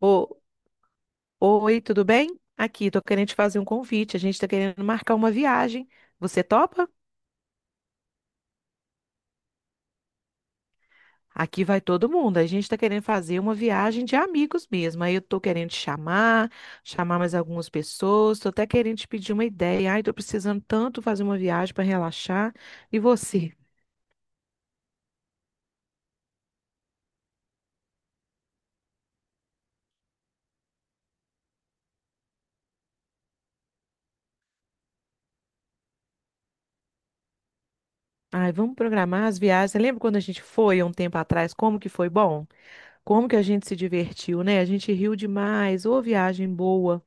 Ô, oi, tudo bem? Aqui, tô querendo te fazer um convite. A gente tá querendo marcar uma viagem. Você topa? Aqui vai todo mundo. A gente tá querendo fazer uma viagem de amigos mesmo. Aí eu tô querendo te chamar, chamar mais algumas pessoas. Tô até querendo te pedir uma ideia. Ai, tô precisando tanto fazer uma viagem para relaxar. E você? Ai, vamos programar as viagens. Você lembra quando a gente foi há um tempo atrás? Como que foi bom? Como que a gente se divertiu, né? A gente riu demais. Ô, viagem boa.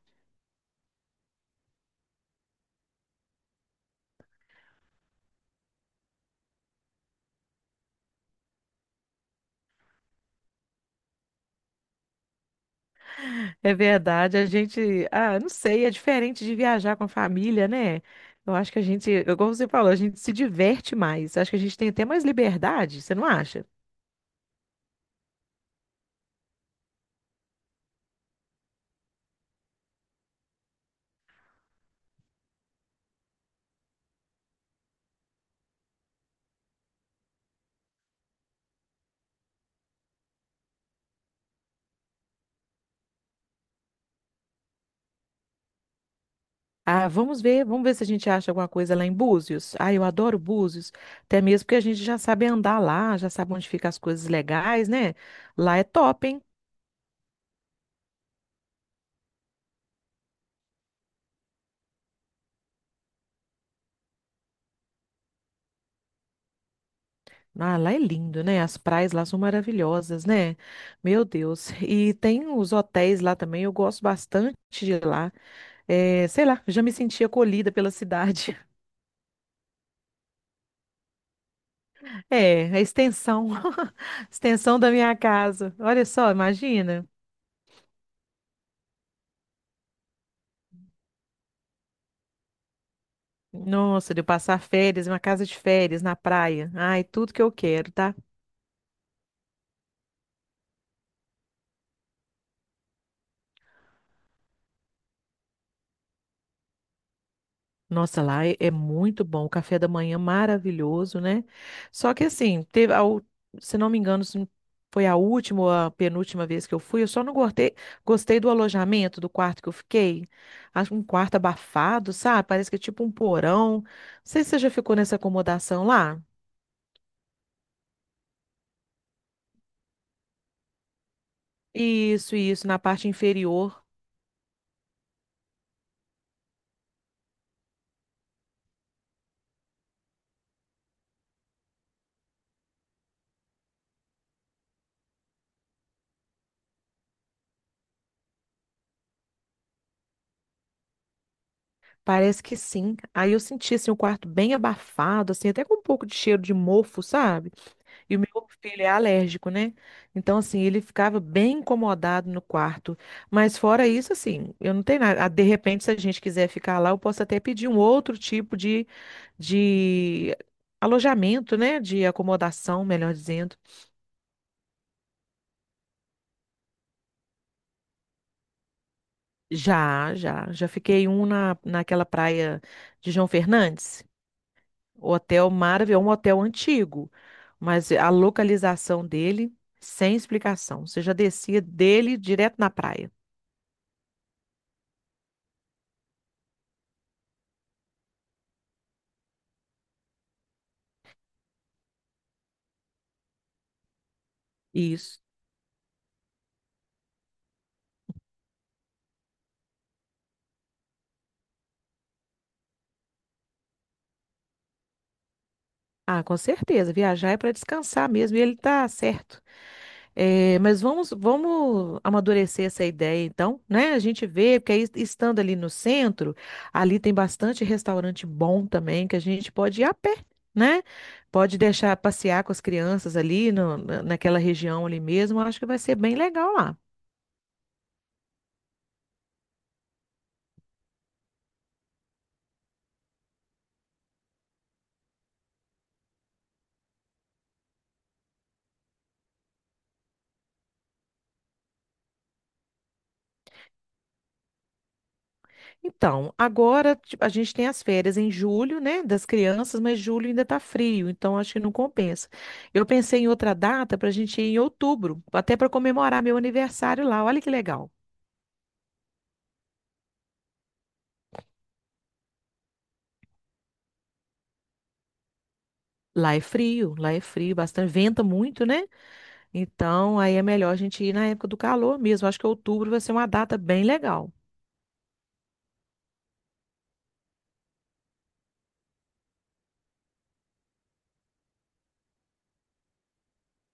É verdade, a gente, não sei, é diferente de viajar com a família, né? Eu acho que a gente, como você falou, a gente se diverte mais. Acho que a gente tem até mais liberdade, você não acha? Ah, vamos ver se a gente acha alguma coisa lá em Búzios. Ah, eu adoro Búzios, até mesmo porque a gente já sabe andar lá, já sabe onde ficam as coisas legais, né? Lá é top, hein? Ah, lá é lindo, né? As praias lá são maravilhosas, né? Meu Deus. E tem os hotéis lá também, eu gosto bastante de lá. É, sei lá, já me senti acolhida pela cidade. É, a extensão, extensão da minha casa. Olha só, imagina. Nossa, de eu passar férias, em uma casa de férias na praia. Ai, tudo que eu quero, tá? Nossa, lá é, é muito bom, o café da manhã maravilhoso, né? Só que assim, teve, a se não me engano, se foi a última ou a penúltima vez que eu fui, eu só não gostei, gostei do alojamento, do quarto que eu fiquei. Acho um quarto abafado, sabe? Parece que é tipo um porão. Não sei se você já ficou nessa acomodação lá. Isso, na parte inferior. Parece que sim. Aí eu senti assim, o quarto bem abafado, assim, até com um pouco de cheiro de mofo, sabe? E o meu filho é alérgico, né? Então, assim, ele ficava bem incomodado no quarto. Mas fora isso, assim, eu não tenho nada. Ah, de repente, se a gente quiser ficar lá, eu posso até pedir um outro tipo de alojamento, né? De acomodação, melhor dizendo. Já, já. Já fiquei um naquela praia de João Fernandes. O hotel maravilhoso, um hotel antigo. Mas a localização dele, sem explicação. Você já descia dele direto na praia. Isso. Ah, com certeza. Viajar é para descansar mesmo, e ele tá certo. Mas vamos amadurecer essa ideia, então, né? A gente vê, porque aí, estando ali no centro, ali tem bastante restaurante bom também, que a gente pode ir a pé, né? Pode deixar passear com as crianças ali no- na- naquela região ali mesmo. Eu acho que vai ser bem legal lá. Então, a gente tem as férias em julho, né, das crianças, mas julho ainda tá frio, então acho que não compensa. Eu pensei em outra data para a gente ir em outubro, até para comemorar meu aniversário lá. Olha que legal. Lá é frio, bastante, venta muito, né? Então, aí é melhor a gente ir na época do calor mesmo. Acho que outubro vai ser uma data bem legal.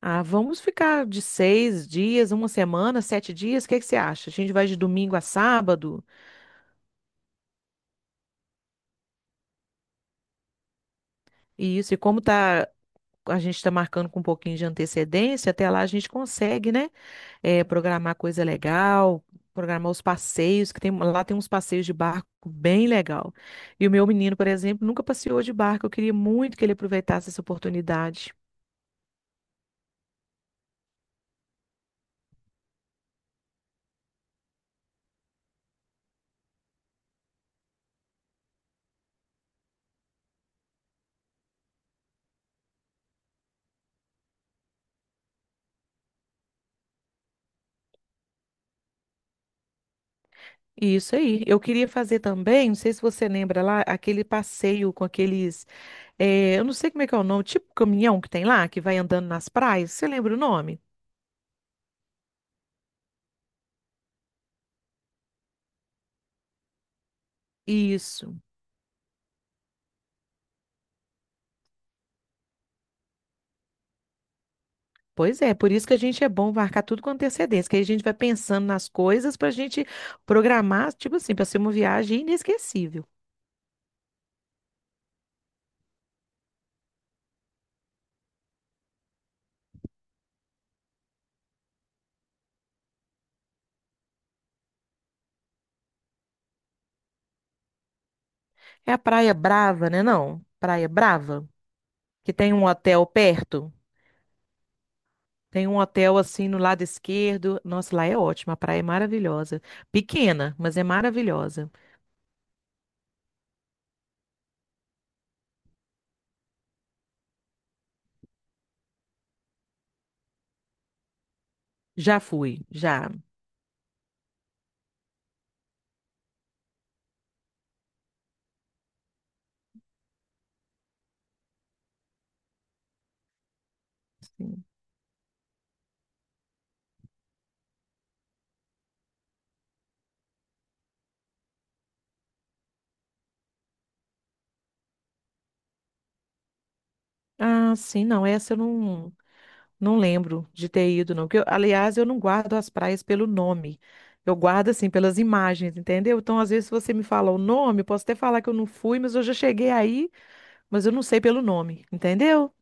Ah, vamos ficar de 6 dias, uma semana, 7 dias. O que que você acha? A gente vai de domingo a sábado? E isso, e como tá, a gente está marcando com um pouquinho de antecedência, até lá a gente consegue, né? eh, programar coisa legal, programar os passeios, lá tem uns passeios de barco bem legal. E o meu menino, por exemplo, nunca passeou de barco. Eu queria muito que ele aproveitasse essa oportunidade. Isso aí. Eu queria fazer também, não sei se você lembra lá, aquele passeio com aqueles, eu não sei como é que é o nome, tipo caminhão que tem lá, que vai andando nas praias. Você lembra o nome? Isso. Pois é, por isso que a gente é bom marcar tudo com antecedência, que aí a gente vai pensando nas coisas para a gente programar, tipo assim, para ser uma viagem inesquecível. É a Praia Brava, né? Não, Praia Brava, que tem um hotel perto. Tem um hotel assim no lado esquerdo. Nossa, lá é ótimo, a praia é maravilhosa. Pequena, mas é maravilhosa. Já fui, já. Sim. Ah, sim, não, essa eu não, não lembro de ter ido, não. Aliás, eu não guardo as praias pelo nome. Eu guardo, assim, pelas imagens, entendeu? Então, às vezes, se você me fala o nome, eu posso até falar que eu não fui, mas eu já cheguei aí, mas eu não sei pelo nome, entendeu?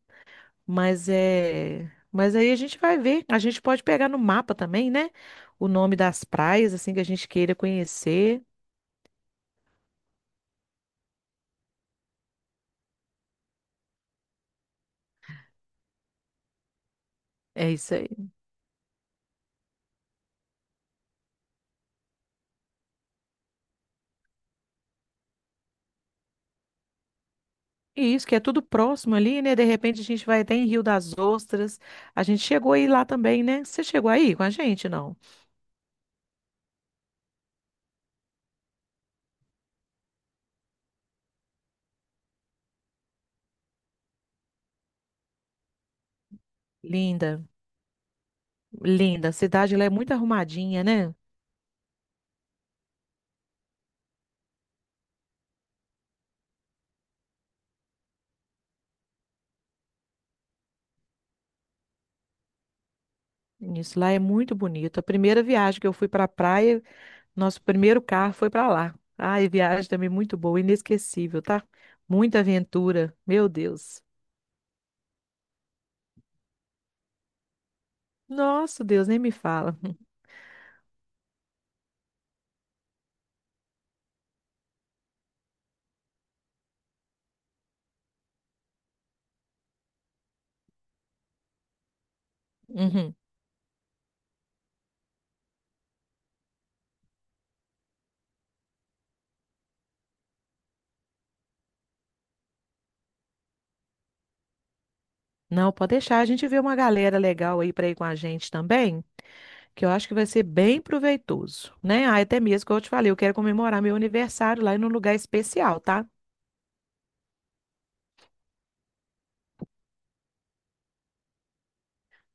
Mas é. Mas aí a gente vai ver. A gente pode pegar no mapa também, né? O nome das praias, assim, que a gente queira conhecer. É isso. E isso, que é tudo próximo ali, né? De repente a gente vai até em Rio das Ostras. A gente chegou aí lá também, né? Você chegou aí com a gente, não? Linda, linda. A cidade lá é muito arrumadinha, né? Isso lá é muito bonito. A primeira viagem que eu fui para a praia, nosso primeiro carro foi para lá. Ai, viagem também muito boa, inesquecível, tá? Muita aventura, meu Deus. Nossa, Deus, nem me fala. Uhum. Não, pode deixar. A gente vê uma galera legal aí para ir com a gente também. Que eu acho que vai ser bem proveitoso, né? Ah, até mesmo, como eu te falei, eu quero comemorar meu aniversário lá em um lugar especial, tá?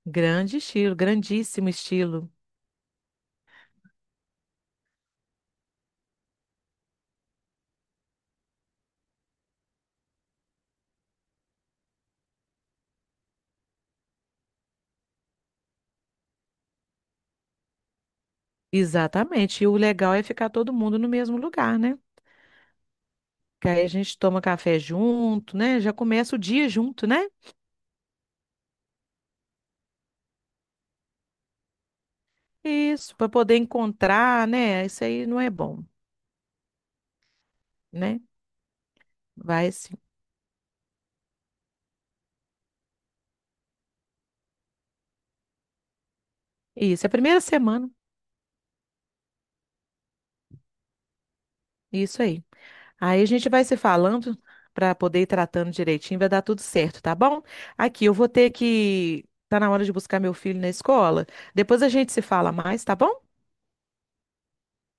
Grande estilo, grandíssimo estilo. Exatamente. E o legal é ficar todo mundo no mesmo lugar, né? Que aí a gente toma café junto, né? Já começa o dia junto, né? Isso, para poder encontrar, né? Isso aí não é bom, né? Vai sim. Isso, é a primeira semana. Isso aí. Aí a gente vai se falando para poder ir tratando direitinho, vai dar tudo certo, tá bom? Aqui, eu vou ter que. Tá na hora de buscar meu filho na escola. Depois a gente se fala mais, tá bom?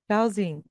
Tchauzinho.